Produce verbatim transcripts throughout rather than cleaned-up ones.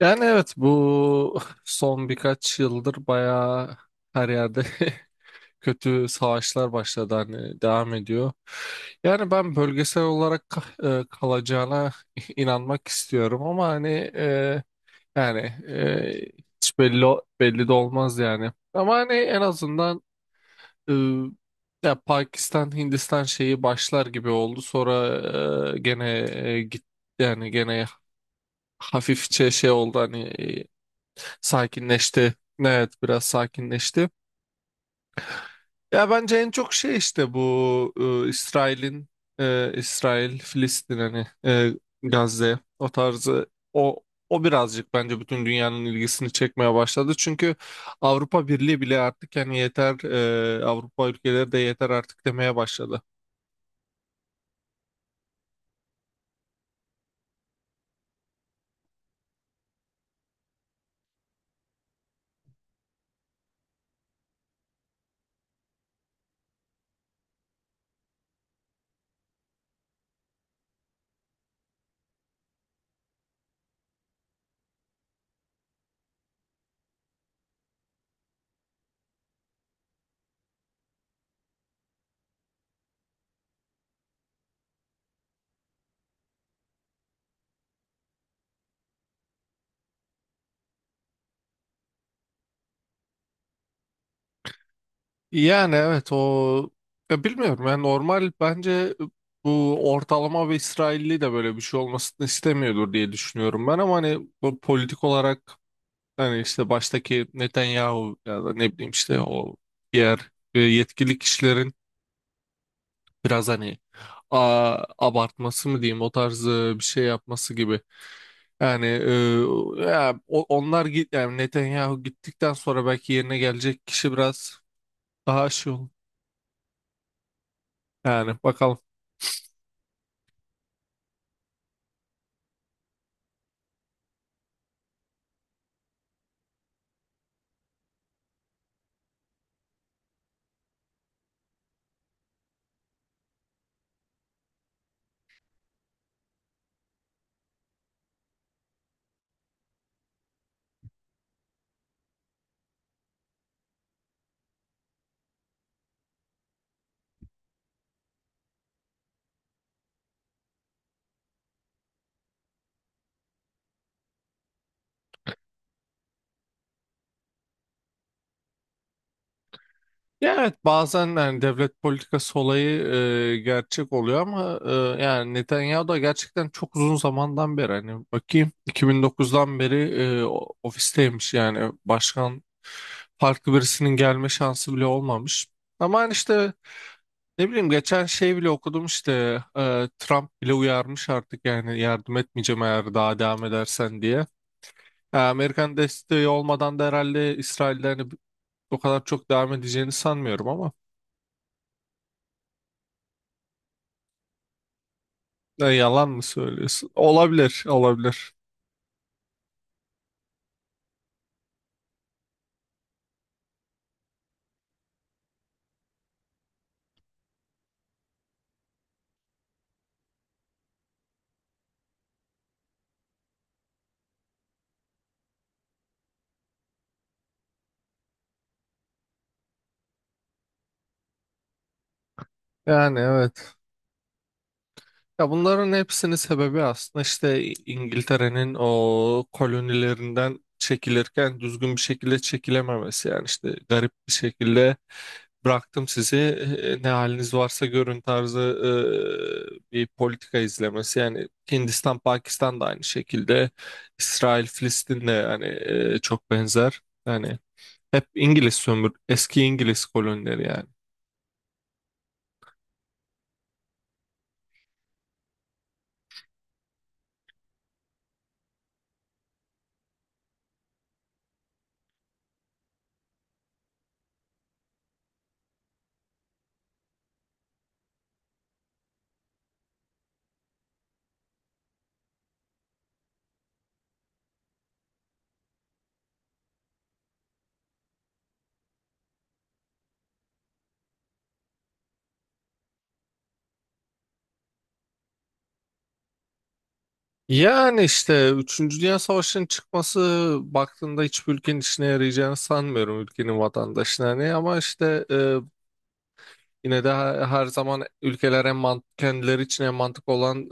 Yani evet bu son birkaç yıldır bayağı her yerde kötü savaşlar başladı, hani devam ediyor. Yani ben bölgesel olarak ka- e, kalacağına inanmak istiyorum, ama hani e, yani e, hiç belli belli de olmaz yani. Ama hani en azından e, ya Pakistan Hindistan şeyi başlar gibi oldu. Sonra e, gene e, git yani gene hafifçe şey oldu hani, e, sakinleşti. Evet, biraz sakinleşti. Ya bence en çok şey işte bu e, İsrail'in, e, İsrail, Filistin hani, e, Gazze o tarzı, o o birazcık bence bütün dünyanın ilgisini çekmeye başladı. Çünkü Avrupa Birliği bile artık yani yeter, e, Avrupa ülkeleri de yeter artık demeye başladı. Yani evet o, ya bilmiyorum yani, normal bence bu ortalama bir İsrailli de böyle bir şey olmasını istemiyordur diye düşünüyorum ben, ama hani bu politik olarak hani işte baştaki Netanyahu ya da ne bileyim işte o diğer e, yetkili kişilerin biraz hani, a, abartması mı diyeyim, o tarz e, bir şey yapması gibi. Yani e, ya, o- onlar git yani Netanyahu gittikten sonra belki yerine gelecek kişi biraz daha şey olur. Yani bakalım. Ya evet, bazen yani devlet politikası olayı e, gerçek oluyor, ama e, yani Netanyahu da gerçekten çok uzun zamandan beri, hani bakayım iki bin dokuzdan beri, e, o- ofisteymiş, yani başkan farklı birisinin gelme şansı bile olmamış. Ama hani işte ne bileyim geçen şey bile okudum işte, e, Trump bile uyarmış artık, yani yardım etmeyeceğim eğer daha devam edersen diye. E, Amerikan desteği olmadan da herhalde İsrail'de hani o kadar çok devam edeceğini sanmıyorum ama. Ya yalan mı söylüyorsun? Olabilir, olabilir. Yani evet. Ya bunların hepsinin sebebi aslında işte İngiltere'nin o kolonilerinden çekilirken düzgün bir şekilde çekilememesi. Yani işte garip bir şekilde bıraktım sizi, e, ne haliniz varsa görün tarzı e, bir politika izlemesi. Yani Hindistan, Pakistan da aynı şekilde. İsrail, Filistin de yani e, çok benzer. Yani hep İngiliz sömür, eski İngiliz kolonileri yani. Yani işte üçüncü Dünya Savaşı'nın çıkması, baktığında hiçbir ülkenin işine yarayacağını sanmıyorum, ülkenin vatandaşına ne, ama işte e, yine de her, her zaman ülkeler en mant- kendileri için en mantık olan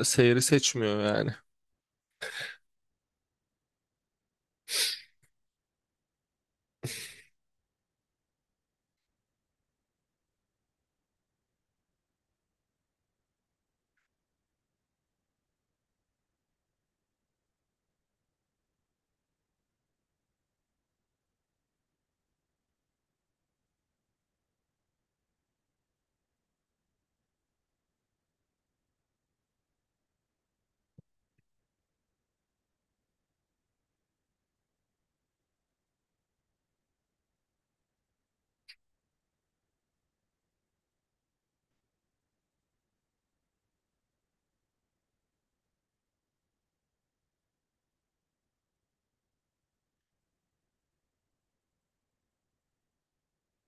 e, seyri seçmiyor yani.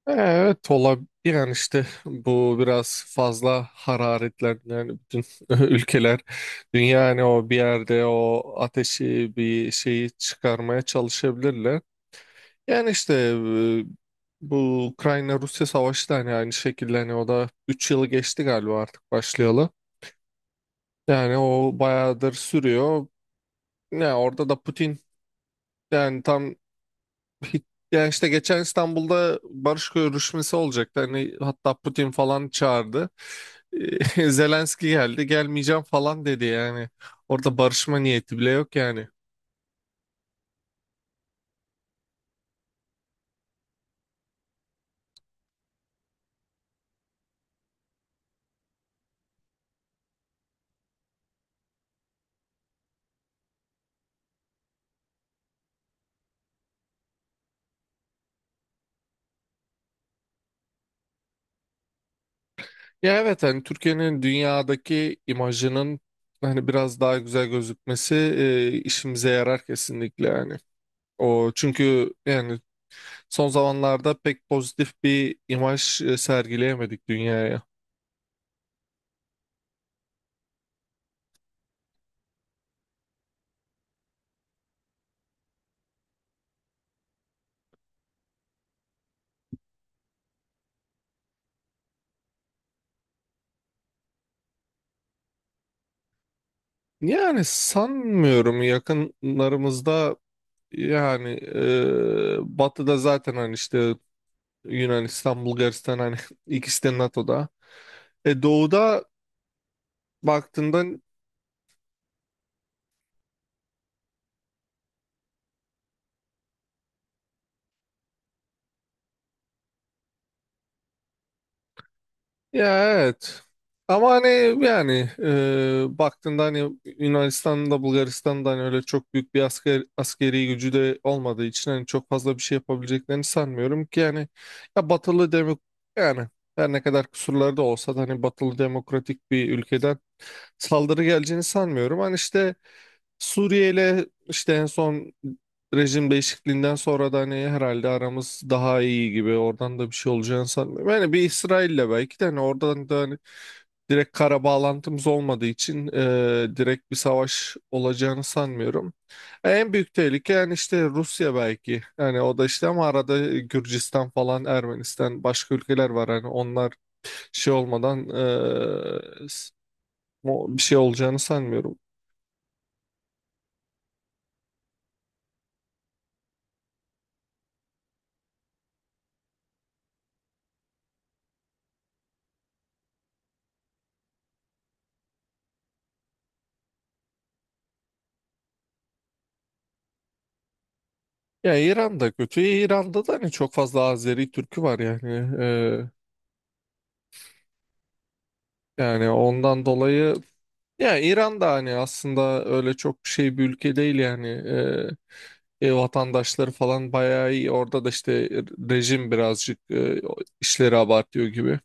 Evet, olabilir. Yani işte bu biraz fazla hararetlendi. Yani bütün ülkeler, dünya hani o bir yerde o ateşi bir şeyi çıkarmaya çalışabilirler. Yani işte, e, bu Ukrayna-Rusya savaşı da hani aynı şekilde, hani o da üç yılı geçti galiba artık başlayalı. Yani o bayağıdır sürüyor. Ne orada da Putin, yani tam. Ya işte geçen İstanbul'da barış görüşmesi olacaktı. Hani hatta Putin falan çağırdı. Zelenski geldi, gelmeyeceğim falan dedi yani. Orada barışma niyeti bile yok yani. Ya evet, hani Türkiye'nin dünyadaki imajının hani biraz daha güzel gözükmesi eee, işimize yarar kesinlikle yani. O çünkü yani son zamanlarda pek pozitif bir imaj e, sergileyemedik dünyaya. Yani sanmıyorum yakınlarımızda. Yani eee, batıda zaten hani işte Yunanistan, Bulgaristan, hani ikisi de NATO'da. E, doğuda baktığında, ya evet. Ama hani yani eee baktığında hani Yunanistan'da, Bulgaristan'da hani öyle çok büyük bir asker, askeri gücü de olmadığı için hani çok fazla bir şey yapabileceklerini sanmıyorum ki yani, ya batılı demok yani her ne kadar kusurları da olsa da hani batılı demokratik bir ülkeden saldırı geleceğini sanmıyorum. Hani işte Suriye ile işte en son rejim değişikliğinden sonra da hani herhalde aramız daha iyi gibi, oradan da bir şey olacağını sanmıyorum. Yani bir İsrail'le belki de hani, oradan da hani direkt kara bağlantımız olmadığı için e, direkt bir savaş olacağını sanmıyorum. En büyük tehlike yani işte Rusya belki. Yani o da işte, ama arada Gürcistan falan, Ermenistan, başka ülkeler var hani, onlar şey olmadan e, s- o- bir şey olacağını sanmıyorum. Ya İran'da kötü. İran'da da hani çok fazla Azeri Türk'ü var yani. Ee, yani ondan dolayı, ya İran'da hani aslında öyle çok bir şey bir ülke değil yani. Ee, e, vatandaşları falan bayağı iyi. Orada da işte rejim birazcık e, işleri abartıyor gibi.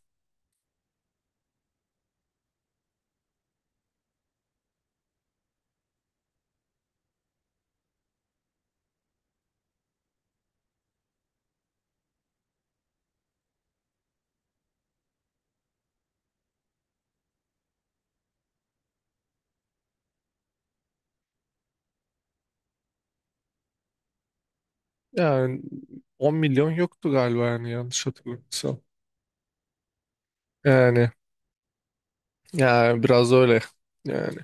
Yani on milyon yoktu galiba yani, yanlış hatırlamıyorsam. Yani, yani biraz öyle yani.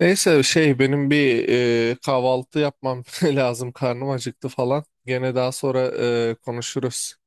Neyse şey, benim bir e, kahvaltı yapmam lazım. Karnım acıktı falan. Gene daha sonra e, konuşuruz.